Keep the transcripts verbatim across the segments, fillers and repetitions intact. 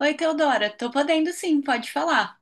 Oi, Teodora, tô podendo sim, pode falar.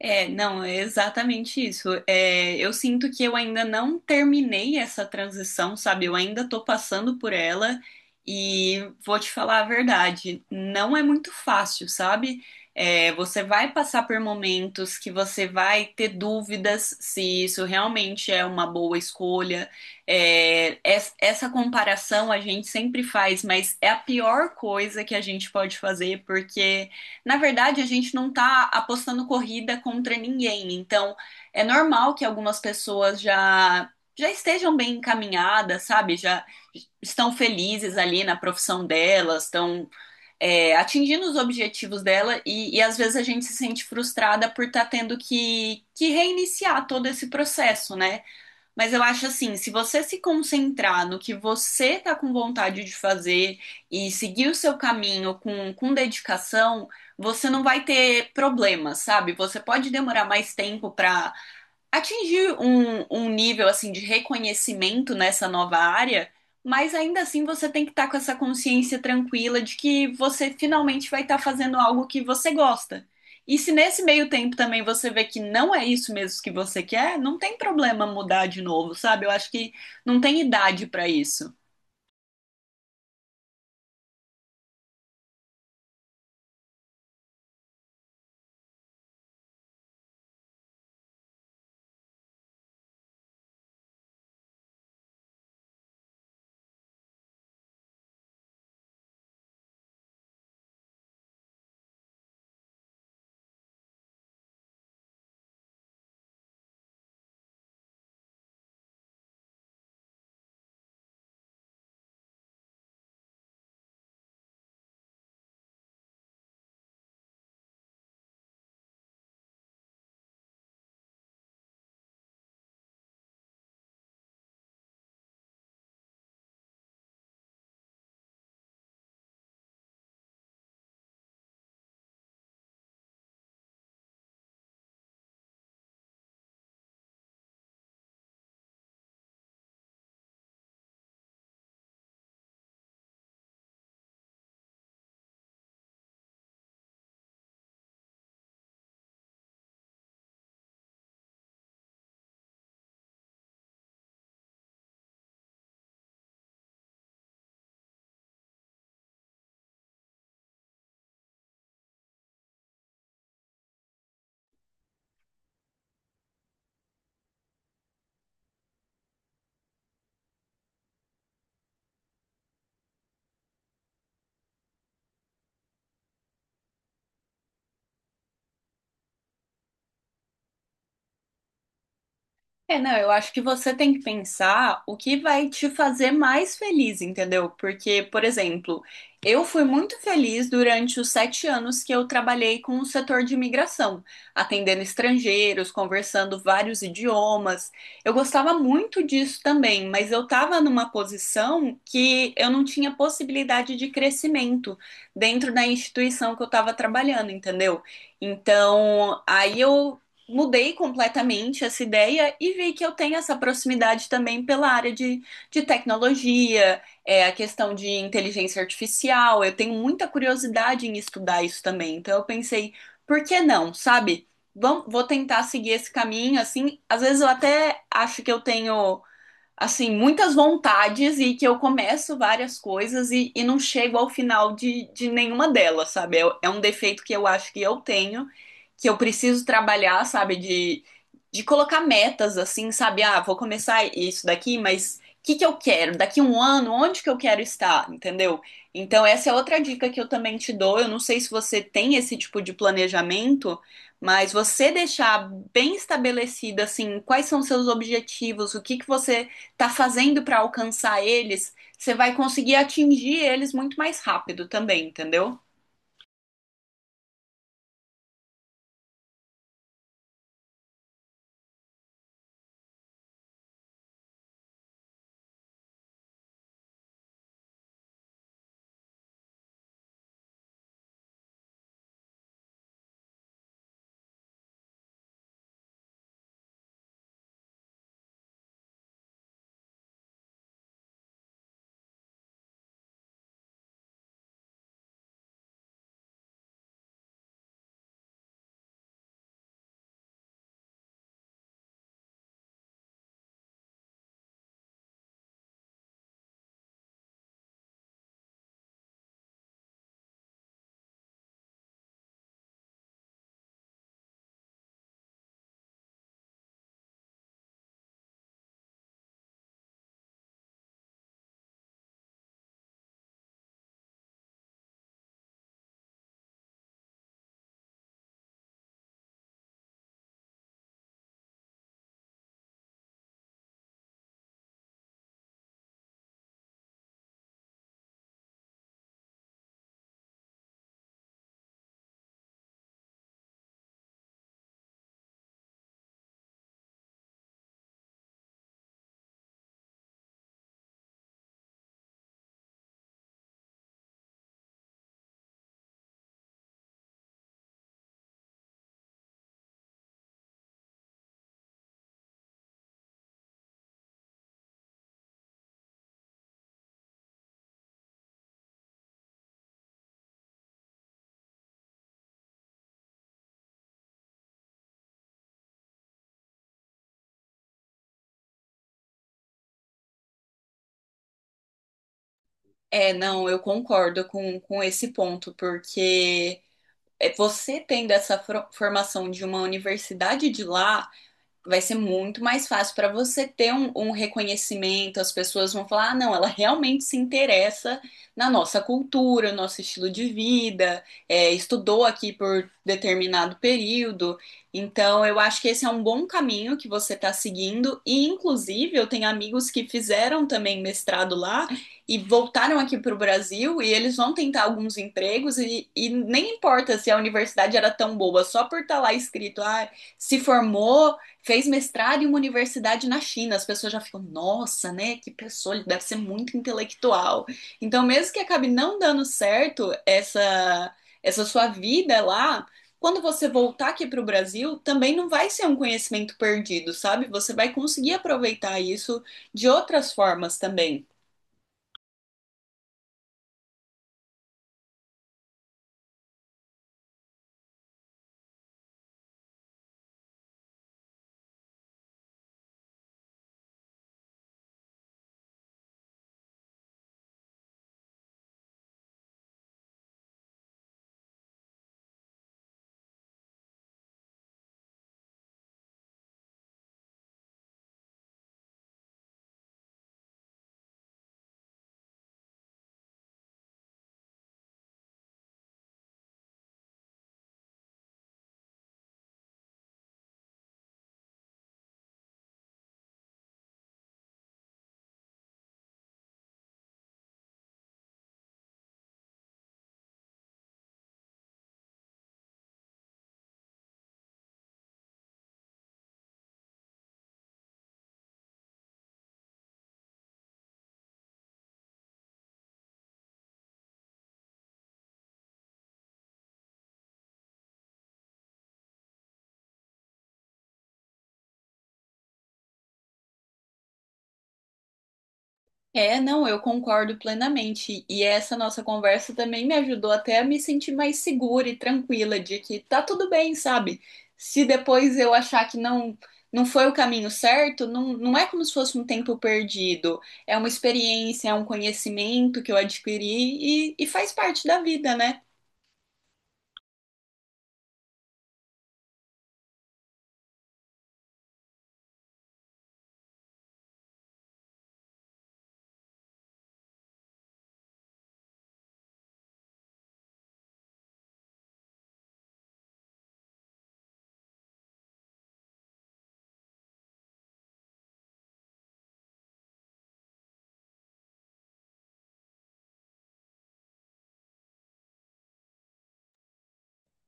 É, não, é exatamente isso. É, eu sinto que eu ainda não terminei essa transição, sabe? Eu ainda tô passando por ela e vou te falar a verdade, não é muito fácil, sabe? É, você vai passar por momentos que você vai ter dúvidas se isso realmente é uma boa escolha. É, es- essa comparação a gente sempre faz, mas é a pior coisa que a gente pode fazer porque, na verdade, a gente não está apostando corrida contra ninguém, então é normal que algumas pessoas já já estejam bem encaminhadas, sabe? Já estão felizes ali na profissão delas, estão é, atingindo os objetivos dela e, e às vezes a gente se sente frustrada por estar tá tendo que, que reiniciar todo esse processo, né? Mas eu acho assim, se você se concentrar no que você tá com vontade de fazer e seguir o seu caminho com, com dedicação, você não vai ter problemas, sabe? Você pode demorar mais tempo pra atingir um, um nível assim de reconhecimento nessa nova área, mas ainda assim você tem que estar com essa consciência tranquila de que você finalmente vai estar fazendo algo que você gosta. E se nesse meio tempo também você vê que não é isso mesmo que você quer, não tem problema mudar de novo, sabe? Eu acho que não tem idade para isso. É, não, eu acho que você tem que pensar o que vai te fazer mais feliz, entendeu? Porque, por exemplo, eu fui muito feliz durante os sete anos que eu trabalhei com o setor de imigração, atendendo estrangeiros, conversando vários idiomas. Eu gostava muito disso também, mas eu estava numa posição que eu não tinha possibilidade de crescimento dentro da instituição que eu estava trabalhando, entendeu? Então, aí eu mudei completamente essa ideia e vi que eu tenho essa proximidade também pela área de, de tecnologia, é, a questão de inteligência artificial. Eu tenho muita curiosidade em estudar isso também. Então eu pensei, por que não, sabe? Vam- vou tentar seguir esse caminho, assim. Às vezes eu até acho que eu tenho assim, muitas vontades e que eu começo várias coisas e, e não chego ao final de, de nenhuma delas, sabe? É, é um defeito que eu acho que eu tenho, que eu preciso trabalhar, sabe? De, de colocar metas, assim, sabe? Ah, vou começar isso daqui, mas o que que eu quero? Daqui um ano, onde que eu quero estar, entendeu? Então, essa é outra dica que eu também te dou. Eu não sei se você tem esse tipo de planejamento, mas você deixar bem estabelecido assim, quais são seus objetivos, o que que você tá fazendo para alcançar eles, você vai conseguir atingir eles muito mais rápido também, entendeu? É, não, eu concordo com, com esse ponto, porque é, você tendo essa fro- formação de uma universidade de lá, vai ser muito mais fácil para você ter um, um reconhecimento. As pessoas vão falar: ah, não, ela realmente se interessa na nossa cultura, no nosso estilo de vida, é, estudou aqui por determinado período. Então, eu acho que esse é um bom caminho que você está seguindo. E, inclusive, eu tenho amigos que fizeram também mestrado lá e voltaram aqui para o Brasil e eles vão tentar alguns empregos e, e nem importa se a universidade era tão boa, só por estar lá escrito, ah, se formou fez mestrado em uma universidade na China. As pessoas já ficam, nossa, né? Que pessoa, ele deve ser muito intelectual. Então, mesmo que acabe não dando certo essa, essa sua vida lá, quando você voltar aqui para o Brasil, também não vai ser um conhecimento perdido, sabe? Você vai conseguir aproveitar isso de outras formas também. É, não, eu concordo plenamente. E essa nossa conversa também me ajudou até a me sentir mais segura e tranquila de que tá tudo bem, sabe? Se depois eu achar que não não foi o caminho certo, não, não é como se fosse um tempo perdido. É uma experiência, é um conhecimento que eu adquiri e, e faz parte da vida, né?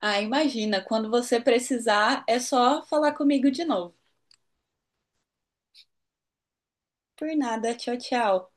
Ah, imagina, quando você precisar, é só falar comigo de novo. Por nada, tchau, tchau.